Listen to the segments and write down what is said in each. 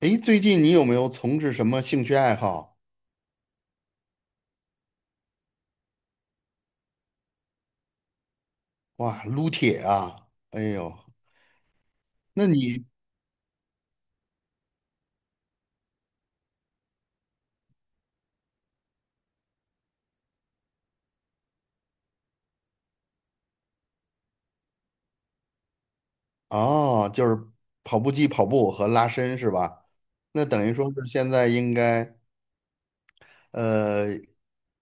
诶，最近你有没有从事什么兴趣爱好？哇，撸铁啊！哎呦，那你哦，就是跑步机跑步和拉伸是吧？那等于说是现在应该呃，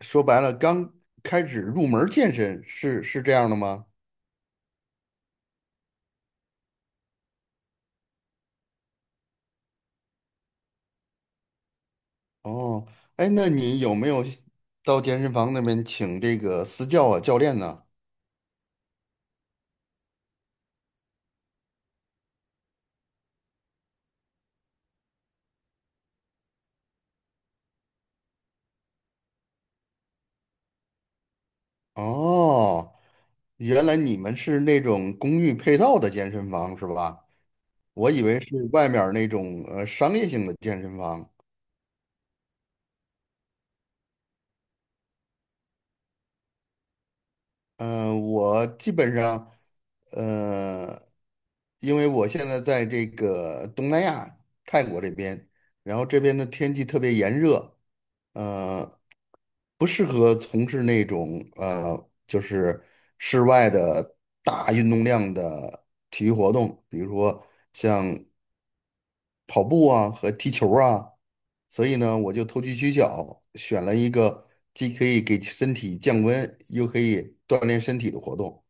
说白了刚开始入门健身是这样的吗？哦，哎，那你有没有到健身房那边请这个私教啊教练呢？哦，原来你们是那种公寓配套的健身房是吧？我以为是外面儿那种商业性的健身房。嗯、我基本上，呃，因为我现在在这个东南亚泰国这边，然后这边的天气特别炎热，呃，不适合从事那种就是室外的大运动量的体育活动，比如说像跑步啊和踢球啊。所以呢，我就投机取巧，选了一个既可以给身体降温，又可以锻炼身体的活动，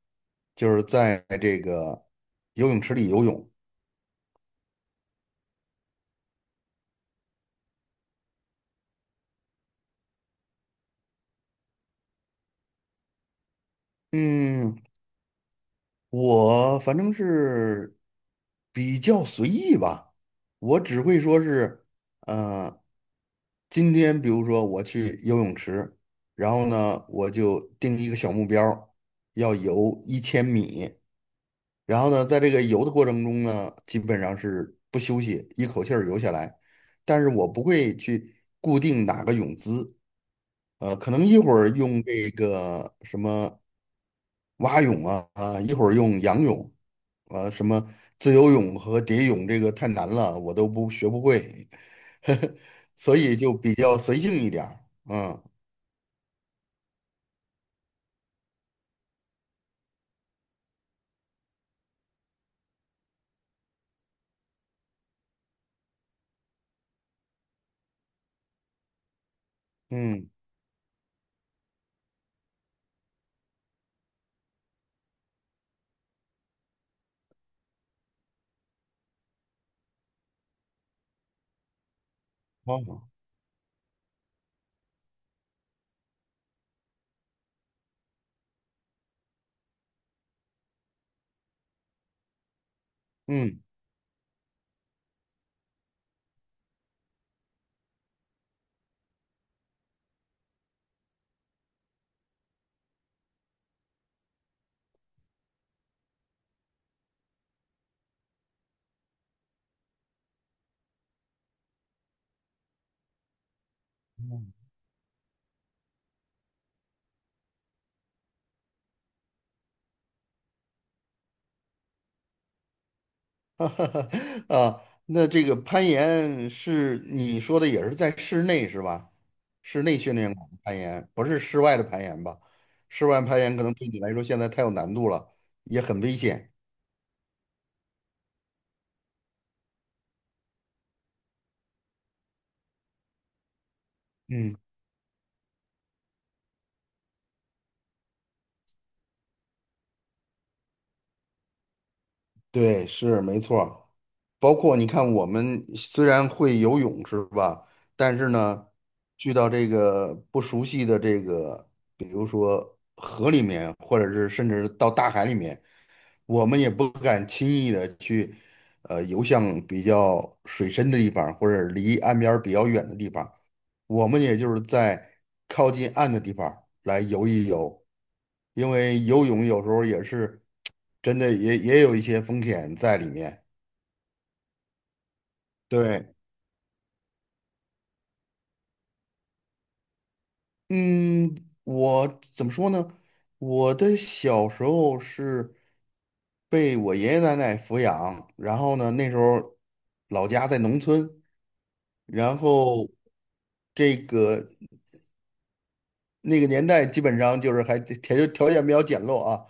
就是在这个游泳池里游泳。嗯，我反正是比较随意吧，我只会说是，呃，今天比如说我去游泳池，然后呢，我就定一个小目标儿要游1000米。然后呢，在这个游的过程中呢，基本上是不休息，一口气儿游下来。但是我不会去固定哪个泳姿，可能一会儿用这个什么蛙泳啊，啊，一会儿用仰泳，啊，什么自由泳和蝶泳，这个太难了，我都不学不会，所以就比较随性一点儿。嗯嗯，好，嗯。啊，那这个攀岩是你说的也是在室内是吧？室内训练馆的攀岩，不是室外的攀岩吧？室外攀岩可能对你来说现在太有难度了，也很危险。嗯对，是没错儿。包括你看，我们虽然会游泳是吧？但是呢，去到这个不熟悉的这个，比如说，或者是甚至到大海里面。我们也不敢轻易的去，游向比较水深的地方，或者离岸边儿比较远的地方。我们也就是在靠近岸的地方来游一游，因为游泳有时候也是真的也有一些风险在里面。对，嗯，我怎么说呢？我的小时候是被我爷爷奶奶抚养，然后呢，那时候老家在农村。然后这个那个年代基本上就是还条件比较简陋啊，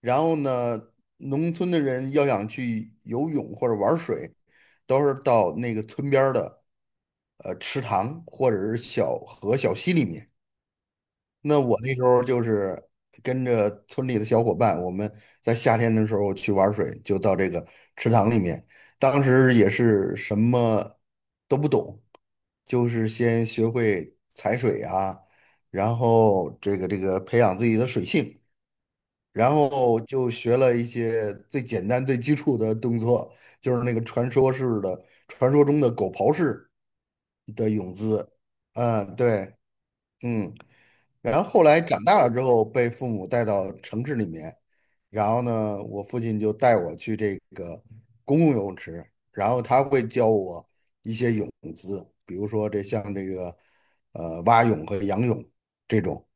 然后呢，农村的人要想去游泳或者玩水，都是到那个村边儿的池塘或者是小河、小溪里面。那我那时候就是跟着村里的小伙伴，我们在夏天的时候去玩水，就到这个池塘里面。当时也是什么都不懂，就是先学会踩水啊，然后这个培养自己的水性，然后就学了一些最简单最基础的动作，就是那个传说式的、传说中的狗刨式的泳姿。嗯，对，嗯。然后后来长大了之后，被父母带到城市里面，然后呢，我父亲就带我去这个公共游泳池，然后他会教我一些泳姿，比如说这像这个蛙泳和仰泳这种，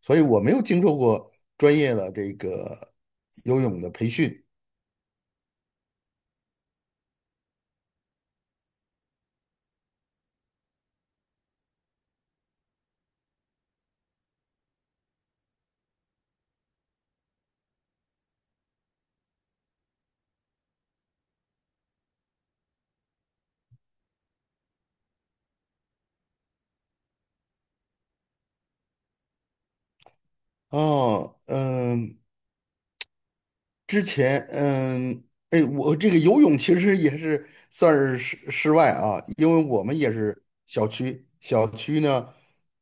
所以我没有经受过专业的这个游泳的培训。哦，嗯，之前，嗯，哎，我这个游泳其实也是算是室外啊，因为我们也是小区，小区呢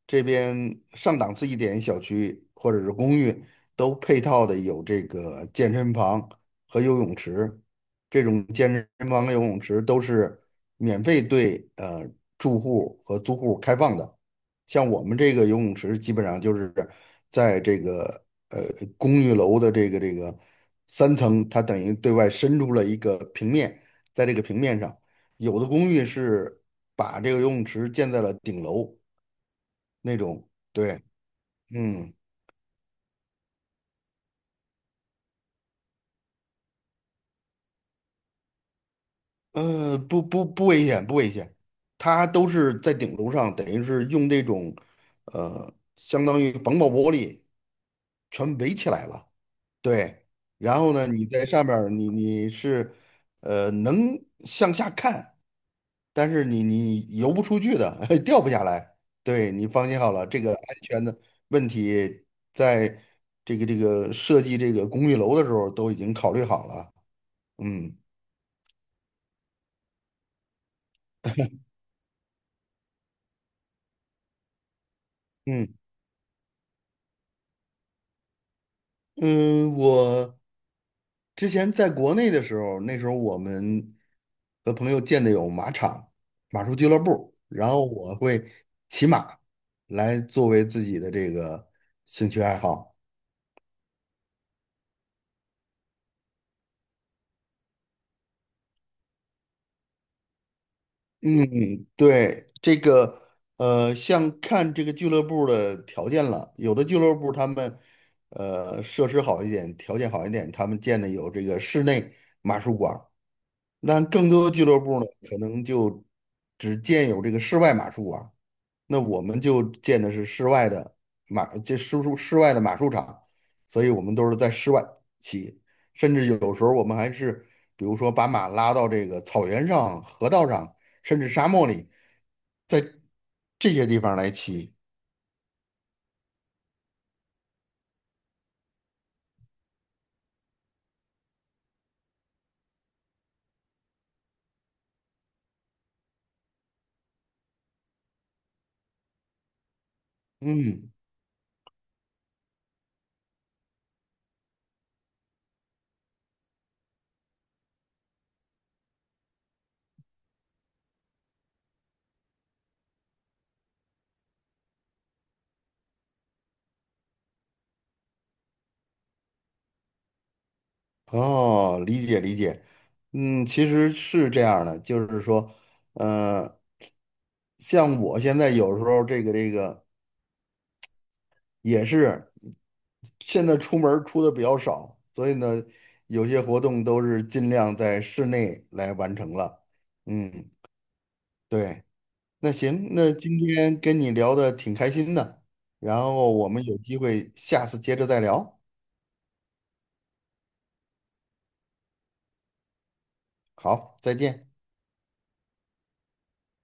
这边上档次一点小区或者是公寓都配套的有这个健身房和游泳池，这种健身房和游泳池都是免费对住户和租户开放的。像我们这个游泳池，基本上就是在这个公寓楼的这个三层，它等于对外伸出了一个平面，在这个平面上，有的公寓是把这个游泳池建在了顶楼那种，对，嗯，不危险，不危险，它都是在顶楼上，等于是用这种相当于防爆玻璃全围起来了。对，然后呢，你在上面儿你是，能向下看，但是你游不出去的，掉不下来。对，你放心好了，这个安全的问题，在这个设计这个公寓楼的时候都已经考虑好了。嗯嗯嗯，我。之前在国内的时候，那时候我们和朋友建的有马场、马术俱乐部，然后我会骑马来作为自己的这个兴趣爱好。嗯，对，这个像看这个俱乐部的条件了，有的俱乐部他们设施好一点，条件好一点，他们建的有这个室内马术馆儿，那更多的俱乐部呢，可能就只建有这个室外马术馆，那我们就建的是室外的马，这室外的马术场，所以我们都是在室外骑，甚至有时候我们还是，比如说把马拉到这个草原上、河道上，甚至沙漠里，在这些地方来骑。嗯，哦，理解理解，嗯，其实是这样的，就是说，呃，像我现在有时候这个。也是现在出门儿出的比较少，所以呢，有些活动都是尽量在室内来完成了。嗯，对，那行，那今天跟你聊的挺开心的，然后我们有机会下次接着再聊。好，再见。